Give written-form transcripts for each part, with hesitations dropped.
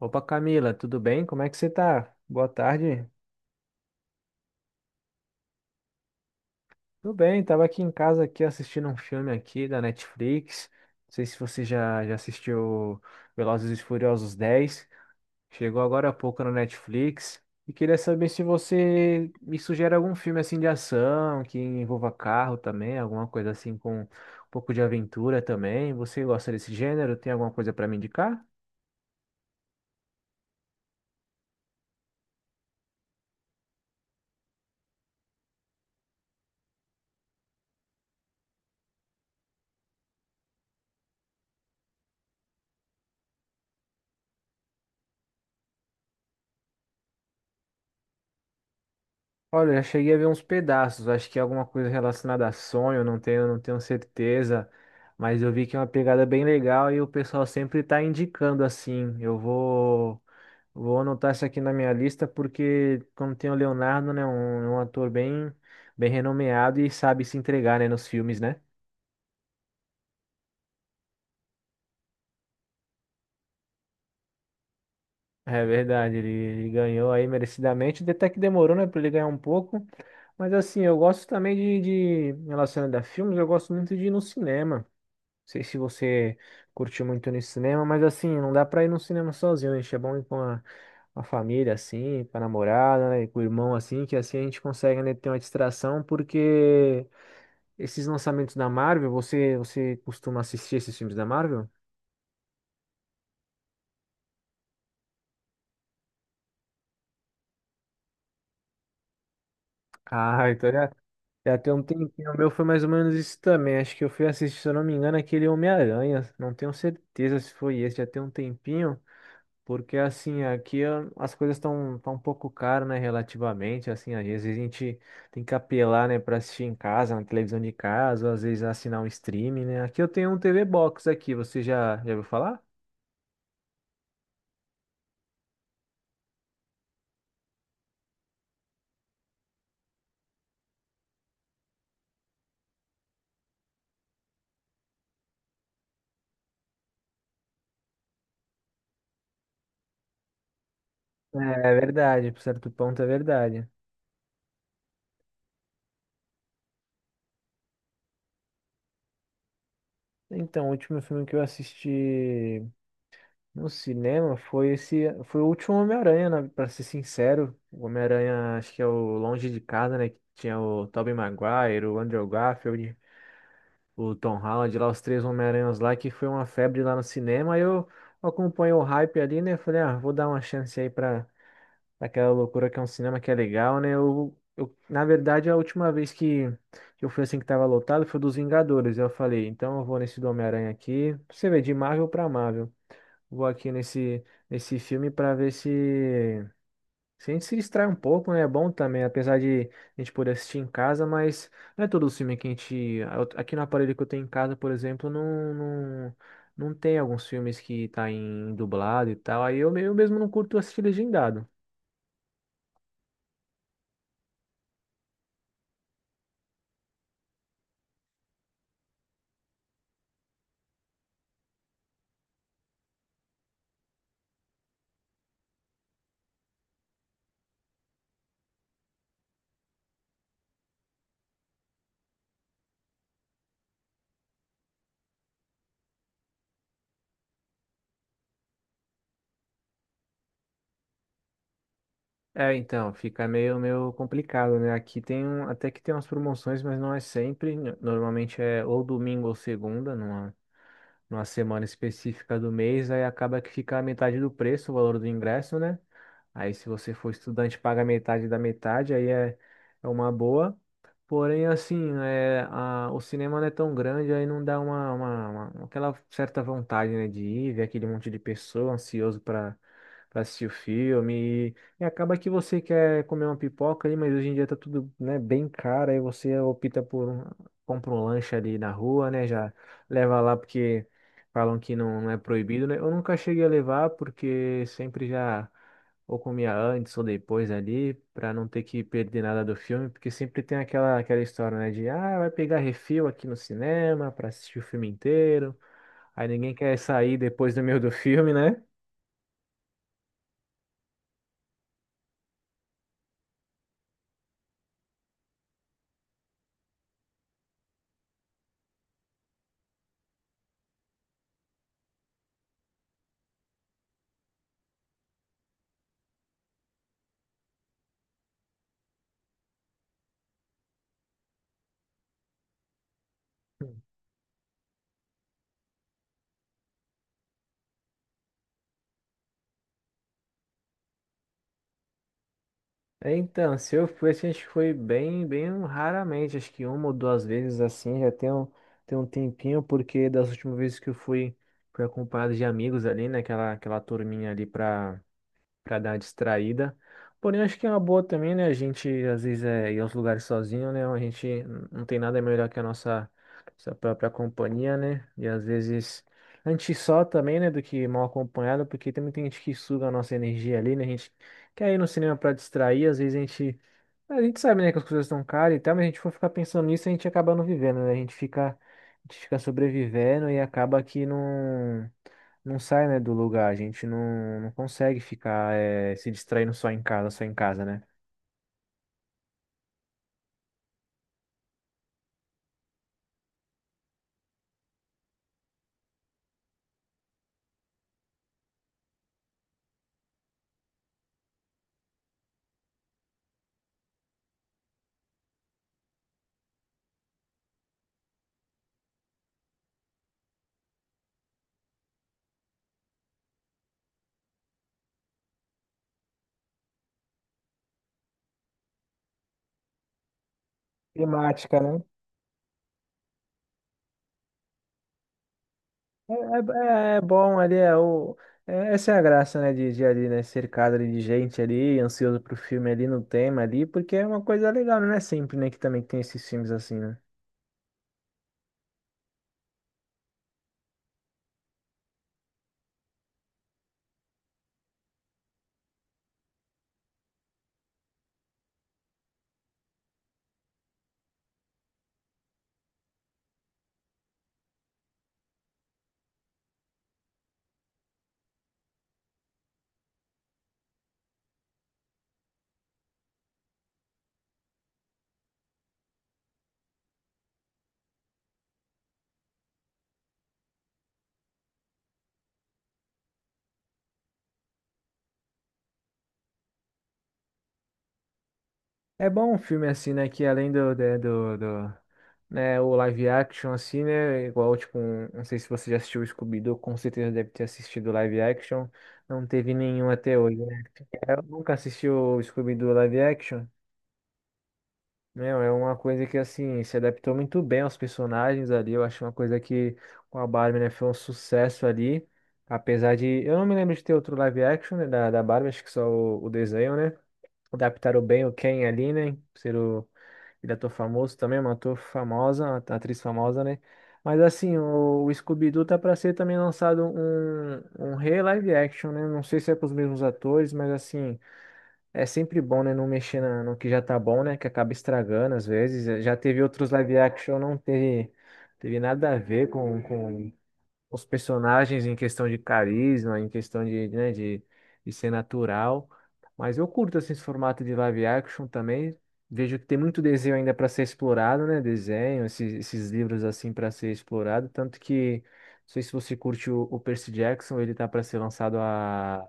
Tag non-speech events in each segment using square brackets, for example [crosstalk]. Opa, Camila, tudo bem? Como é que você tá? Boa tarde. Tudo bem, tava aqui em casa aqui assistindo um filme aqui da Netflix. Não sei se você já assistiu Velozes e Furiosos 10. Chegou agora há pouco na Netflix. E queria saber se você me sugere algum filme assim de ação, que envolva carro também, alguma coisa assim com um pouco de aventura também. Você gosta desse gênero? Tem alguma coisa para me indicar? Olha, eu cheguei a ver uns pedaços, acho que é alguma coisa relacionada a sonho, não tenho certeza, mas eu vi que é uma pegada bem legal e o pessoal sempre tá indicando assim. Vou anotar isso aqui na minha lista porque como tem o Leonardo, né, é um ator bem renomeado e sabe se entregar, né, nos filmes, né? É verdade, ele ganhou aí merecidamente, até que demorou, né, pra ele ganhar um pouco, mas assim, eu gosto também de relacionado a filmes, eu gosto muito de ir no cinema. Sei se você curtiu muito no cinema, mas assim, não dá pra ir no cinema sozinho, né? É bom ir com a família, assim, com a namorada, né? E com o irmão, assim, que assim a gente consegue, né, ter uma distração, porque esses lançamentos da Marvel, você costuma assistir esses filmes da Marvel? Ah, então já, já tem um tempinho. O meu foi mais ou menos isso também. Acho que eu fui assistir, se eu não me engano, aquele Homem-Aranha. Não tenho certeza se foi esse, já tem um tempinho. Porque assim, aqui as coisas estão tão um pouco caras, né, relativamente, assim, às vezes a gente tem que apelar, né, para assistir em casa, na televisão de casa, ou às vezes assinar um streaming, né? Aqui eu tenho um TV Box aqui, você já ouviu falar? É verdade, por certo ponto é verdade. Então, o último filme que eu assisti no cinema foi esse, foi o último Homem-Aranha, né, para ser sincero. O Homem-Aranha, acho que é o Longe de Casa, né, que tinha o Tobey Maguire, o Andrew Garfield, o Tom Holland lá, os três Homem-Aranhas lá, que foi uma febre lá no cinema. Aí eu acompanhei o hype ali, né? Falei, ah, vou dar uma chance pra aquela loucura que é um cinema que é legal, né? Na verdade, a última vez que eu fui assim que tava lotado foi dos Vingadores. Eu falei, então eu vou nesse do Homem-Aranha aqui. Pra você vê, de Marvel pra Marvel. Vou aqui nesse filme pra ver se. Se a gente se distrai um pouco, né? É bom também, apesar de a gente poder assistir em casa, mas não é todo o filme que a gente. Aqui no aparelho que eu tenho em casa, por exemplo, não tem alguns filmes que tá em dublado e tal. Eu mesmo não curto assistir legendado. É, então, fica meio complicado, né? Aqui tem um, até que tem umas promoções, mas não é sempre. Normalmente é ou domingo ou segunda, numa semana específica do mês, aí acaba que fica a metade do preço, o valor do ingresso, né? Aí, se você for estudante, paga metade da metade, é uma boa. Porém, assim, o cinema não é tão grande, aí não dá aquela certa vontade, né, de ir, ver aquele monte de pessoa ansioso para assistir o filme. E acaba que você quer comer uma pipoca ali, mas hoje em dia tá tudo, né, bem caro, aí você opta por um, compra um lanche ali na rua, né, já leva lá porque falam que não é proibido, né? Eu nunca cheguei a levar porque sempre já ou comia antes ou depois ali, pra não ter que perder nada do filme, porque sempre tem aquela história, né, de, ah, vai pegar refil aqui no cinema pra assistir o filme inteiro, aí ninguém quer sair depois do meio do filme, né? É, então, se eu fui, assim, acho que foi bem raramente, acho que uma ou duas vezes assim, tem um tempinho, porque das últimas vezes que eu fui, fui acompanhado de amigos ali, né, aquela turminha ali pra para dar uma distraída. Porém, acho que é uma boa também, né? A gente às vezes é ir aos lugares sozinho, né? Não tem nada melhor que a nossa própria companhia, né? E às vezes a gente só também, né? Do que mal acompanhado, porque também tem gente que suga a nossa energia ali, né? A gente quer ir no cinema para distrair, às vezes a gente sabe, né, que as coisas estão caras e tal, mas a gente for ficar pensando nisso, a gente acaba não vivendo, né? A gente fica sobrevivendo e acaba que não sai, né, do lugar. A gente não, Não consegue ficar, se distraindo só em casa, né? Temática né? É, é bom ali, essa é a graça, né, de ali, né, cercado ali de gente ali, ansioso pro filme ali, no tema ali, porque é uma coisa legal, né? Não é sempre, né, que também tem esses filmes assim, né? É bom um filme assim, né? Que além do, de- do, do, né, o live action, assim, né? Igual, tipo, não sei se você já assistiu o Scooby-Doo, com certeza deve ter assistido o live action. Não teve nenhum até hoje, né? Eu nunca assisti o Scooby-Doo live action. Meu, é uma coisa que, assim, se adaptou muito bem aos personagens ali. Eu acho uma coisa que com a Barbie, né? Foi um sucesso ali. Apesar de. Eu não me lembro de ter outro live action, né, da Barbie, acho que só o desenho, né? Adaptaram bem o Ken ali, né? Ser o ele é ator famoso também, é uma ator famosa, uma atriz famosa, né? Mas assim, o Scooby-Doo tá pra ser também lançado um re-live action, né? Não sei se é com os mesmos atores, mas assim, é sempre bom, né? Não mexer no que já tá bom, né? Que acaba estragando às vezes. Já teve outros live action, não teve, teve nada a ver com os personagens em questão de carisma, em questão de, né, de ser natural. Mas eu curto assim, esse formato de live action também. Vejo que tem muito desenho ainda para ser explorado, né? Desenho, esses livros assim para ser explorado. Tanto que, não sei se você curte o Percy Jackson, ele tá para ser lançado a.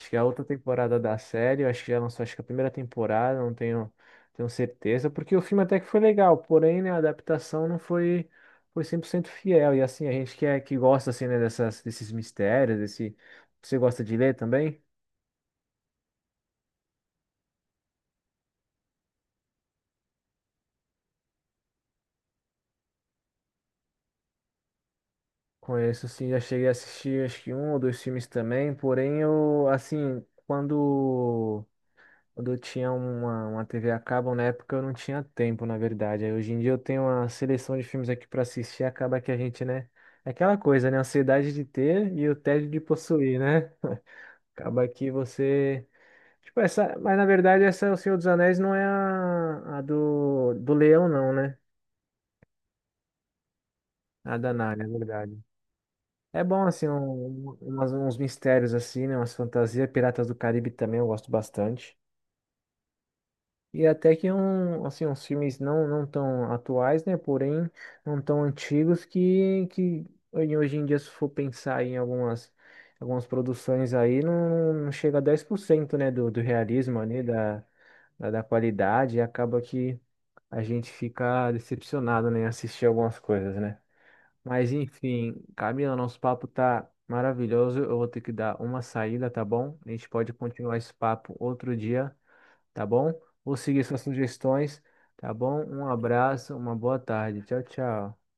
Acho que é a outra temporada da série, eu acho que já lançou, acho que a primeira temporada, não tenho, tenho certeza, porque o filme até que foi legal, porém, né, a adaptação não foi, foi 100% fiel, e assim, a gente que, é, que gosta, assim, né, desses mistérios, desse... Você gosta de ler também? Conheço, sim, já cheguei a assistir, acho que um ou dois filmes também, porém, eu, assim, quando... Quando eu tinha uma TV a cabo, na época eu não tinha tempo, na verdade. Aí hoje em dia eu tenho uma seleção de filmes aqui pra assistir, acaba que a gente, né? É aquela coisa, né? A ansiedade de ter e o tédio de possuir, né? [laughs] Acaba que você. Tipo, essa. Mas na verdade, essa O Senhor dos Anéis não é a do Leão, não, né? A da Narnia, na verdade. É bom, assim, uns mistérios, assim, né? Umas fantasias. Piratas do Caribe também eu gosto bastante. E até que um, assim, uns filmes não tão atuais, né? Porém, não tão antigos que hoje em dia, se for pensar em algumas, algumas produções aí, não chega a 10% né? Do realismo ali, da qualidade, e acaba que a gente fica decepcionado, né? Em assistir algumas coisas, né? Mas enfim, Camila, nosso papo tá maravilhoso. Eu vou ter que dar uma saída, tá bom? A gente pode continuar esse papo outro dia, tá bom? Vou seguir suas sugestões, tá bom? Um abraço, uma boa tarde. Tchau, tchau.